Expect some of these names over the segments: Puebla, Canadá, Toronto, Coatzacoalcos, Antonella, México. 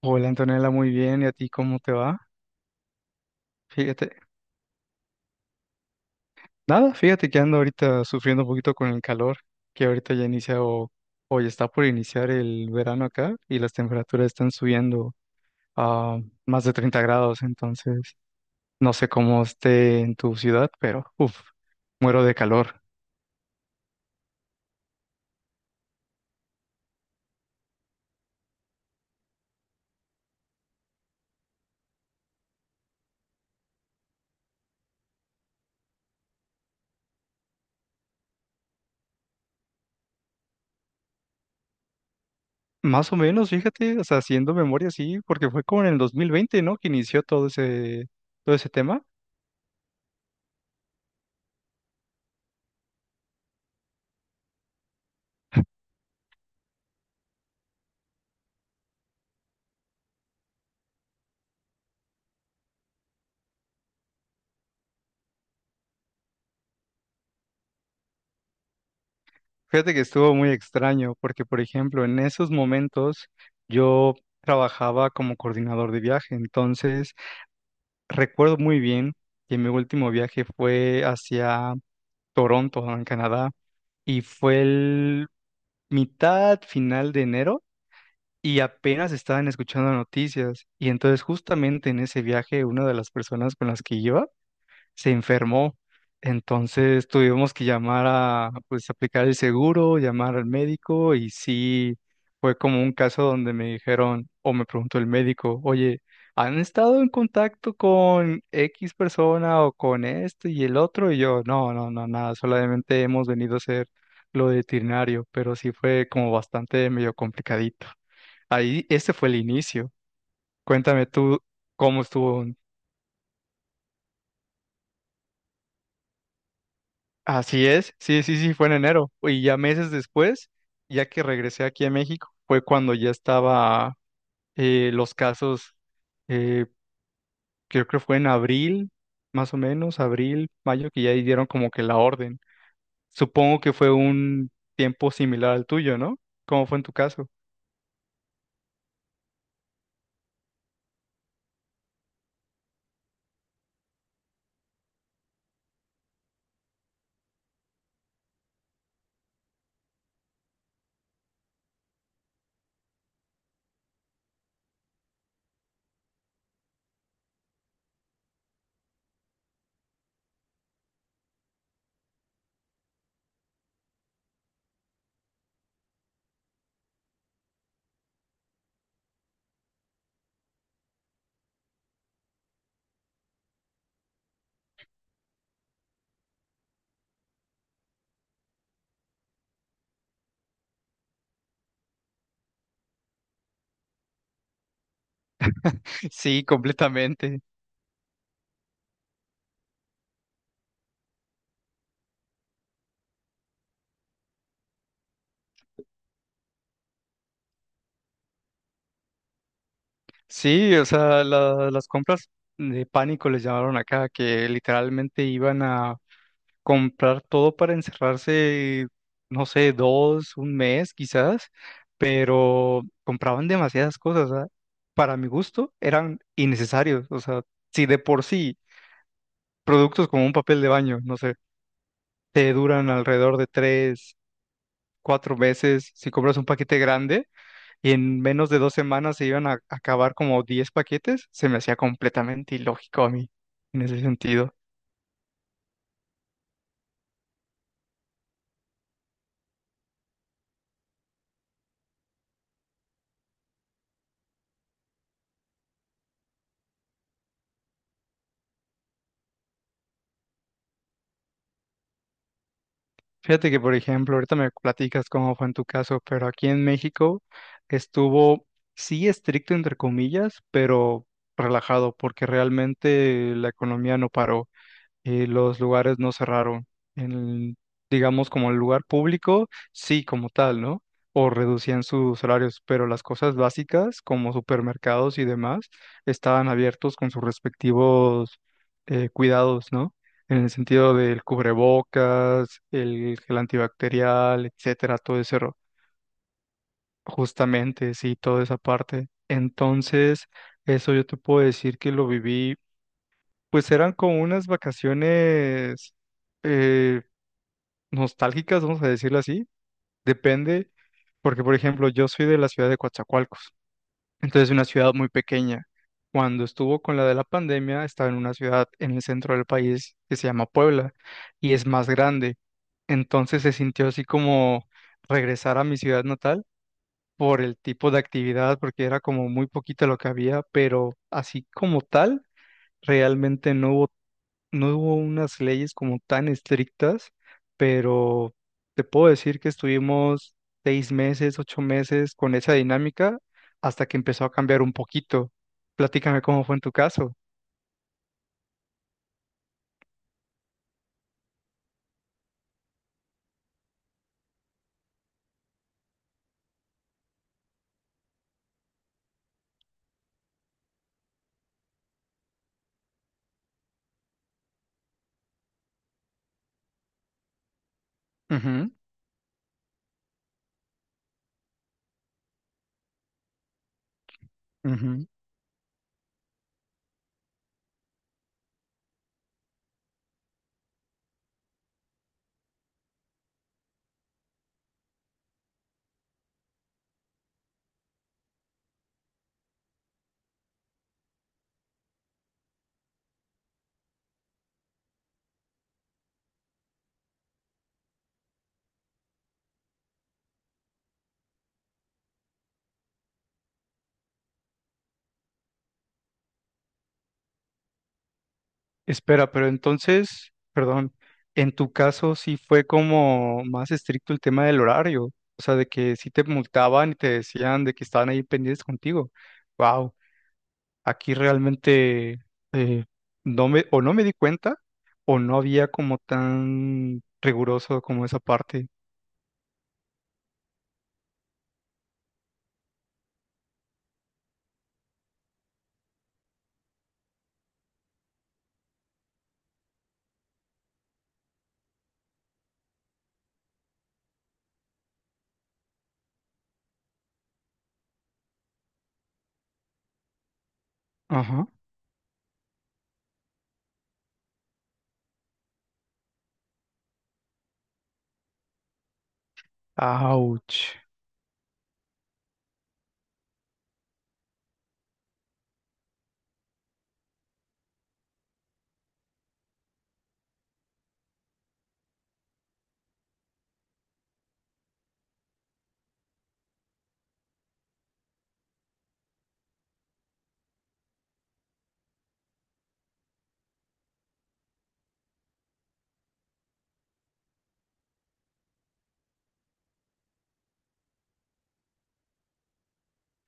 Hola Antonella, muy bien. ¿Y a ti cómo te va? Fíjate, nada, fíjate que ando ahorita sufriendo un poquito con el calor, que ahorita ya inicia o ya está por iniciar el verano acá y las temperaturas están subiendo a más de 30 grados, entonces no sé cómo esté en tu ciudad, pero uff, muero de calor. Más o menos, fíjate, o sea, haciendo memoria, sí, porque fue como en el 2020, ¿no? Que inició todo ese tema. Fíjate que estuvo muy extraño porque, por ejemplo, en esos momentos yo trabajaba como coordinador de viaje, entonces recuerdo muy bien que mi último viaje fue hacia Toronto, en Canadá, y fue el mitad final de enero y apenas estaban escuchando noticias y entonces justamente en ese viaje una de las personas con las que iba se enfermó. Entonces tuvimos que llamar a, pues, aplicar el seguro, llamar al médico y sí, fue como un caso donde me dijeron o me preguntó el médico, oye, ¿han estado en contacto con X persona o con esto y el otro? Y yo, no, no, no, nada, solamente hemos venido a hacer lo de veterinario, pero sí fue como bastante medio complicadito. Ahí, este fue el inicio. Cuéntame tú cómo estuvo. Así es, sí, sí, sí, fue en enero. Y ya meses después, ya que regresé aquí a México, fue cuando ya estaba los casos, eh, creo que fue en abril, más o menos, abril, mayo, que ya ahí dieron como que la orden. Supongo que fue un tiempo similar al tuyo, ¿no? ¿Cómo fue en tu caso? Sí, completamente. Sí, o sea, las compras de pánico les llamaron acá, que literalmente iban a comprar todo para encerrarse, no sé, dos, un mes quizás, pero compraban demasiadas cosas, ¿ah? Para mi gusto eran innecesarios, o sea, si de por sí productos como un papel de baño, no sé, te duran alrededor de 3, 4 meses, si compras un paquete grande y en menos de 2 semanas se iban a acabar como 10 paquetes, se me hacía completamente ilógico a mí en ese sentido. Fíjate que, por ejemplo, ahorita me platicas cómo fue en tu caso, pero aquí en México estuvo, sí, estricto entre comillas, pero relajado, porque realmente la economía no paró y los lugares no cerraron. En, digamos, como el lugar público, sí, como tal, ¿no? O reducían sus horarios, pero las cosas básicas, como supermercados y demás, estaban abiertos con sus respectivos cuidados, ¿no? En el sentido del cubrebocas, el gel antibacterial, etcétera, todo ese justamente, sí, toda esa parte. Entonces, eso yo te puedo decir que lo viví pues eran como unas vacaciones eh, nostálgicas, vamos a decirlo así. Depende, porque por ejemplo, yo soy de la ciudad de Coatzacoalcos, entonces una ciudad muy pequeña. Cuando estuvo con la de la pandemia, estaba en una ciudad en el centro del país que se llama Puebla y es más grande. Entonces se sintió así como regresar a mi ciudad natal por el tipo de actividad, porque era como muy poquito lo que había, pero así como tal, realmente no hubo unas leyes como tan estrictas, pero te puedo decir que estuvimos 6 meses, 8 meses con esa dinámica hasta que empezó a cambiar un poquito. Platícame cómo fue en tu caso. Ujú, ujú. Espera, pero entonces, perdón, en tu caso sí fue como más estricto el tema del horario, o sea, de que sí te multaban y te decían de que estaban ahí pendientes contigo. Wow. Aquí realmente eh, no me, o no me di cuenta o no había como tan riguroso como esa parte. Ajá. Ouch.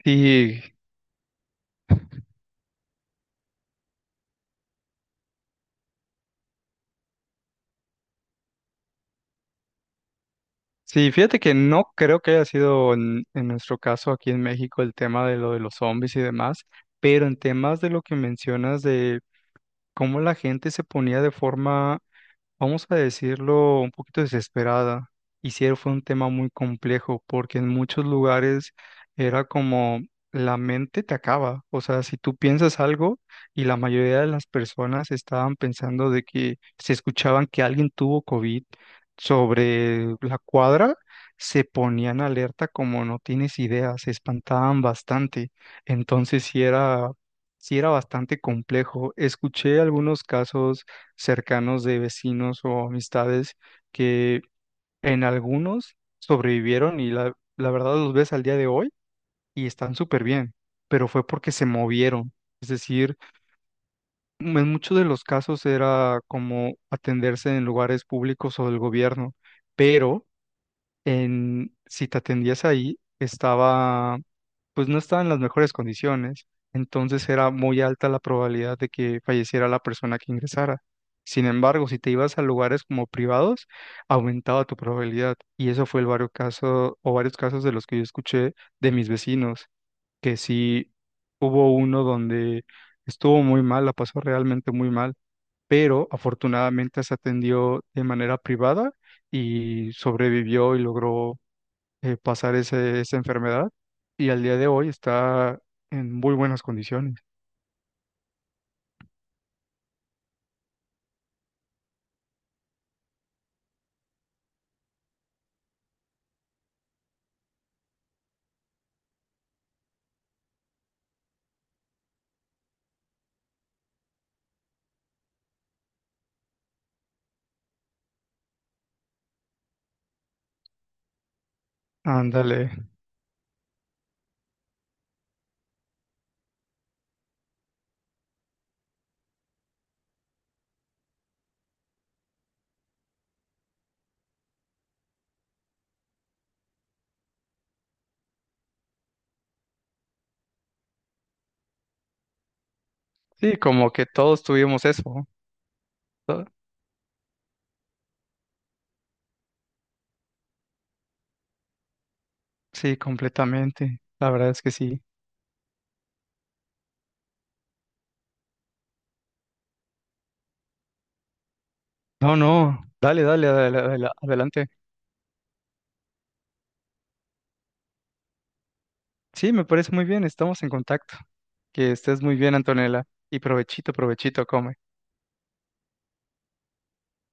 Sí, sí, fíjate que no creo que haya sido en nuestro caso aquí en México el tema de lo de los zombies y demás, pero en temas de lo que mencionas de cómo la gente se ponía de forma vamos a decirlo, un poquito desesperada. Y sí fue un tema muy complejo porque en muchos lugares era como la mente te acaba. O sea, si tú piensas algo y la mayoría de las personas estaban pensando de que se escuchaban que alguien tuvo COVID sobre la cuadra, se ponían alerta como no tienes idea, se espantaban bastante. Entonces sí era bastante complejo. Escuché algunos casos cercanos de vecinos o amistades que en algunos sobrevivieron y la verdad los ves al día de hoy y están súper bien, pero fue porque se movieron. Es decir, en muchos de los casos era como atenderse en lugares públicos o del gobierno, pero si te atendías ahí, estaba, pues no estaba en las mejores condiciones, entonces era muy alta la probabilidad de que falleciera la persona que ingresara. Sin embargo, si te ibas a lugares como privados, aumentaba tu probabilidad. Y eso fue el varios casos, o varios casos de los que yo escuché de mis vecinos, que sí hubo uno donde estuvo muy mal, la pasó realmente muy mal, pero afortunadamente se atendió de manera privada y sobrevivió y logró pasar esa enfermedad y al día de hoy está en muy buenas condiciones. Ándale. Sí, como que todos tuvimos eso, ¿no? To- Sí, completamente. La verdad es que sí. No, no. Dale, dale, adelante. Sí, me parece muy bien. Estamos en contacto. Que estés muy bien, Antonella. Y provechito, provechito, come.